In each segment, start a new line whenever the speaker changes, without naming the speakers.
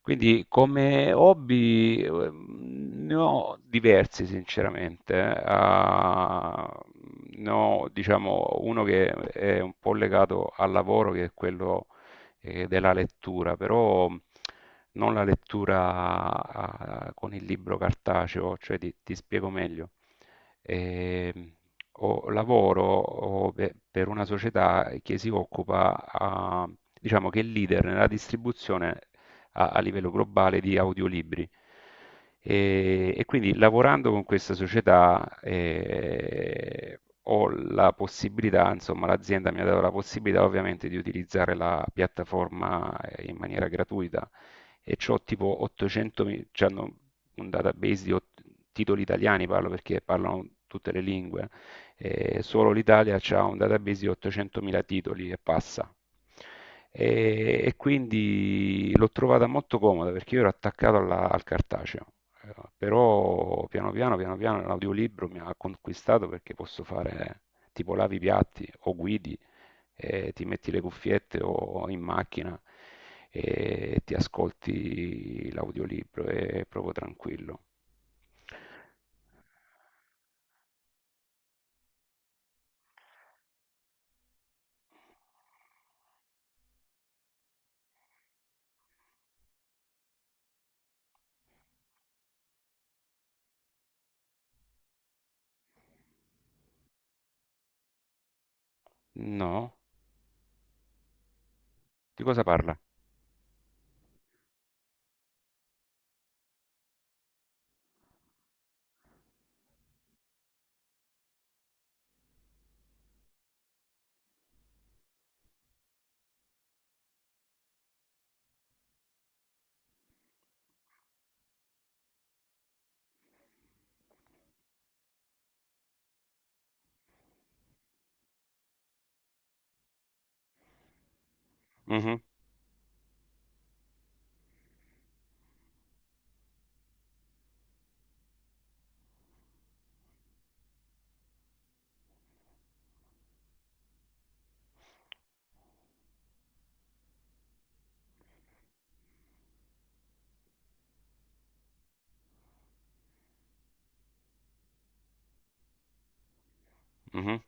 Quindi come hobby, ne ho diversi sinceramente. Uhm, Ne ho diciamo uno che è un po' legato al lavoro, che è quello, della lettura, però non la lettura, con il libro cartaceo, cioè ti spiego meglio. Ehm, ho pe per una società che si occupa, uhm, diciamo che è leader nella distribuzione a livello globale di audiolibri. E quindi lavorando con questa società ho la possibilità, insomma, l'azienda mi ha dato la possibilità ovviamente di utilizzare la piattaforma in maniera gratuita e c'ho tipo 800, c'hanno un database di titoli italiani, parlo perché parlano tutte le lingue, solo l'Italia ha un database di 800.000 titoli e passa. E quindi l'ho trovata molto comoda perché io ero al cartaceo. Però piano piano, piano piano l'audiolibro mi ha conquistato perché posso fare, tipo lavi i piatti o guidi, ti metti le cuffiette o in macchina e ti ascolti l'audiolibro, è proprio tranquillo. No? Di cosa parla? Mhm. Mhm,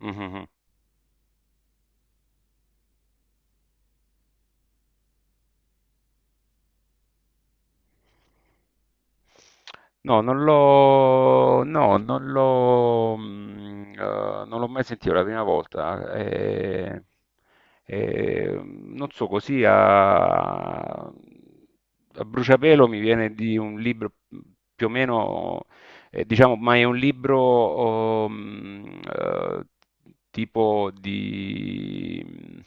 mhm. No, non l'ho, non l'ho mai sentito, è la prima volta. Non so, così a bruciapelo mi viene di un libro più o meno, diciamo, ma è un libro, eh, tipo di, mm,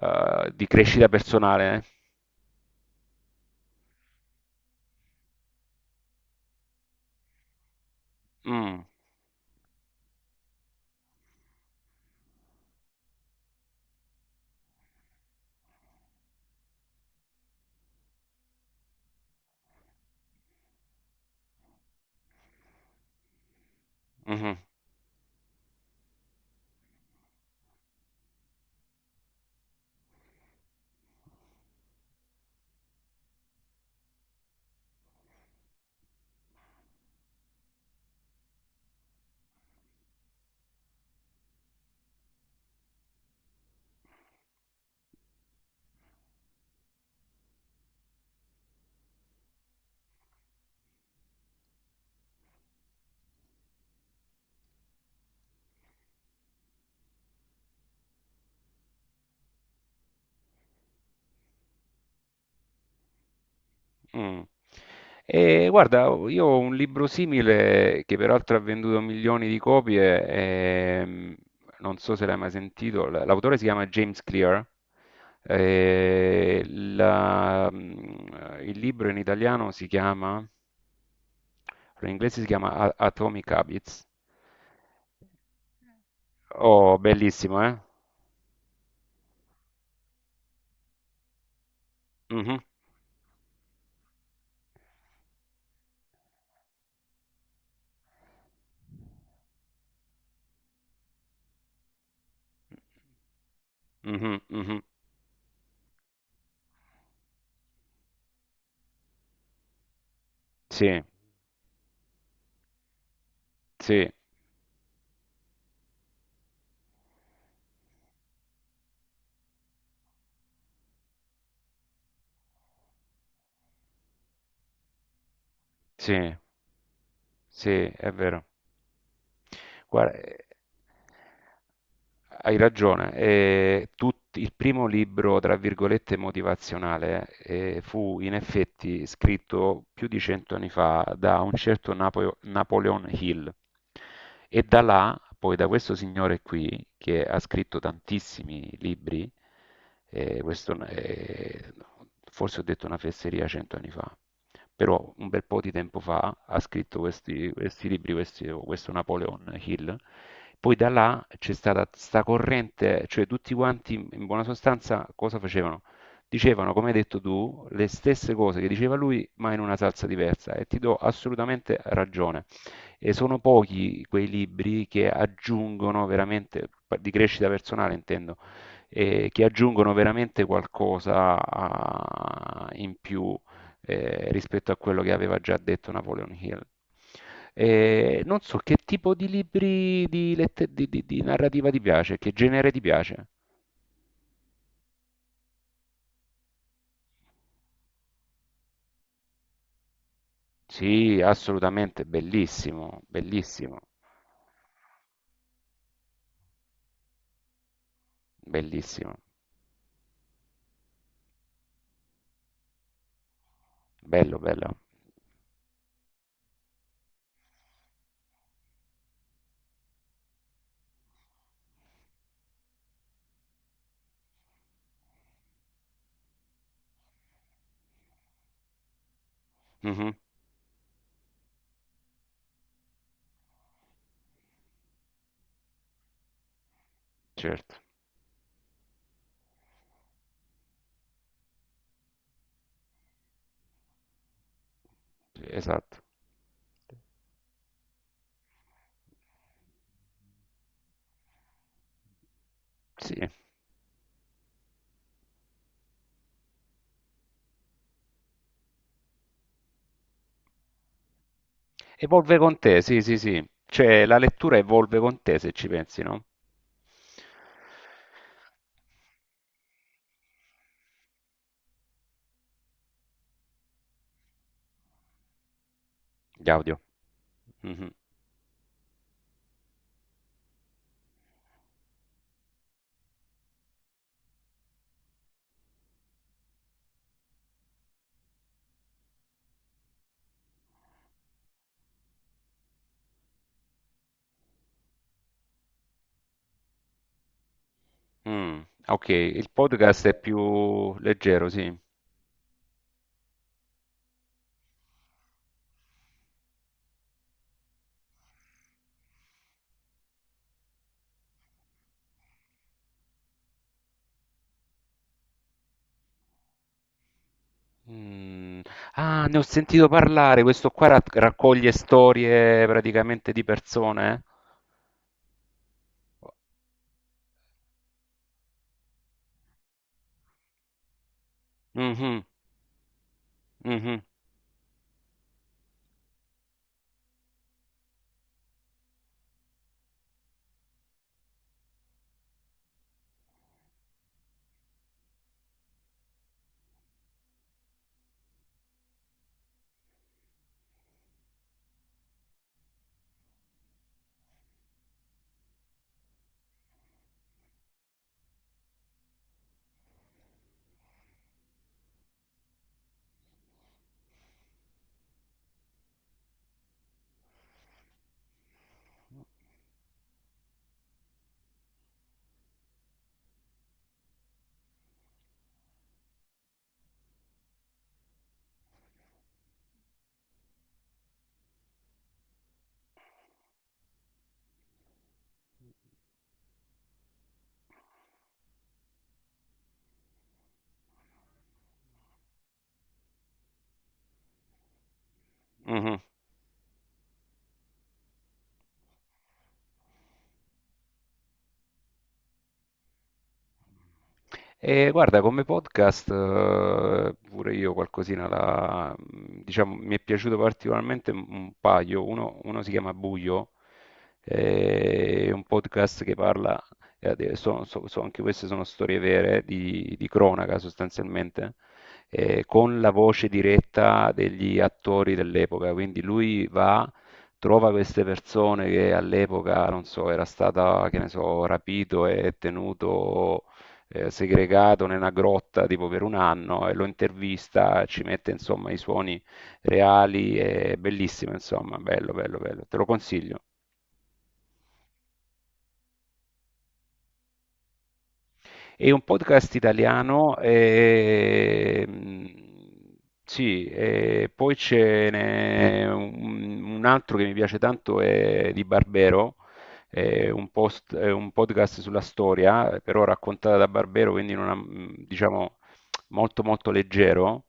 eh, di crescita personale. Eh? Mm, mhm. Mm. E guarda, io ho un libro simile che peraltro ha venduto milioni di copie, ehm, non so se l'hai mai sentito, l'autore si chiama James Clear, il libro in italiano si chiama, in inglese si chiama Atomic Habits. Oh, bellissimo, eh? Mhm, mhm, mhm. Sì, sì, sì, sì, è vero. Guarda, hai ragione, il primo libro, tra virgolette, motivazionale, fu in effetti scritto più di cento anni fa da un certo Napoleon Hill e da là, poi da questo signore qui, che ha scritto tantissimi libri, eh, questo è- forse ho detto una fesseria, cento anni fa, però un bel po' di tempo fa ha scritto questi libri, questo Napoleon Hill. Poi da là c'è stata sta corrente, cioè tutti quanti in buona sostanza cosa facevano? Dicevano, come hai detto tu, le stesse cose che diceva lui, ma in una salsa diversa, e ti do assolutamente ragione. E sono pochi quei libri che aggiungono veramente, di crescita personale intendo, che aggiungono veramente qualcosa in più rispetto a quello che aveva già detto Napoleon Hill. Non so che tipo di libri di, lette- di narrativa ti piace, che genere ti piace? Sì, assolutamente, bellissimo, bellissimo, bellissimo, bello, bello. Mhm, certo, esatto. Sì. Evolve con te, sì, sì, sì. Cioè, la lettura evolve con te, se ci pensi, no? Gli audio. Mhm. Mm, ok, il podcast è più leggero, sì. Mm. Ah, ne ho sentito parlare. Questo qua raccoglie storie praticamente di persone. Eh? Mhm, mhm, mhm. E guarda, come podcast, pure io qualcosina la, diciamo, mi è piaciuto particolarmente un paio. Uno si chiama Buio, è un podcast che parla, anche queste sono storie vere di cronaca sostanzialmente, con la voce diretta degli attori dell'epoca. Quindi lui va, trova queste persone che all'epoca, non so, era stata, che ne so, rapito e tenuto, segregato nella grotta tipo per un anno, e lo intervista, ci mette insomma i suoni reali, è bellissimo insomma, bello, bello, bello, te lo consiglio. È un podcast italiano, sì, e poi ce n'è un altro che mi piace tanto, è di Barbero, è un, è un podcast sulla storia, però raccontata da Barbero, quindi in una, diciamo molto molto leggero.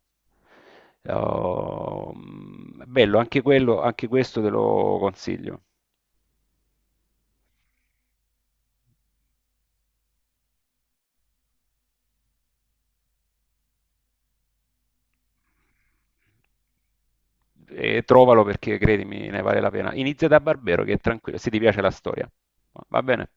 Oh, mm, bello, anche quello, anche questo te lo consiglio. E trovalo perché credimi ne vale la pena. Inizia da Barbero che è tranquillo, se ti piace la storia. Va bene?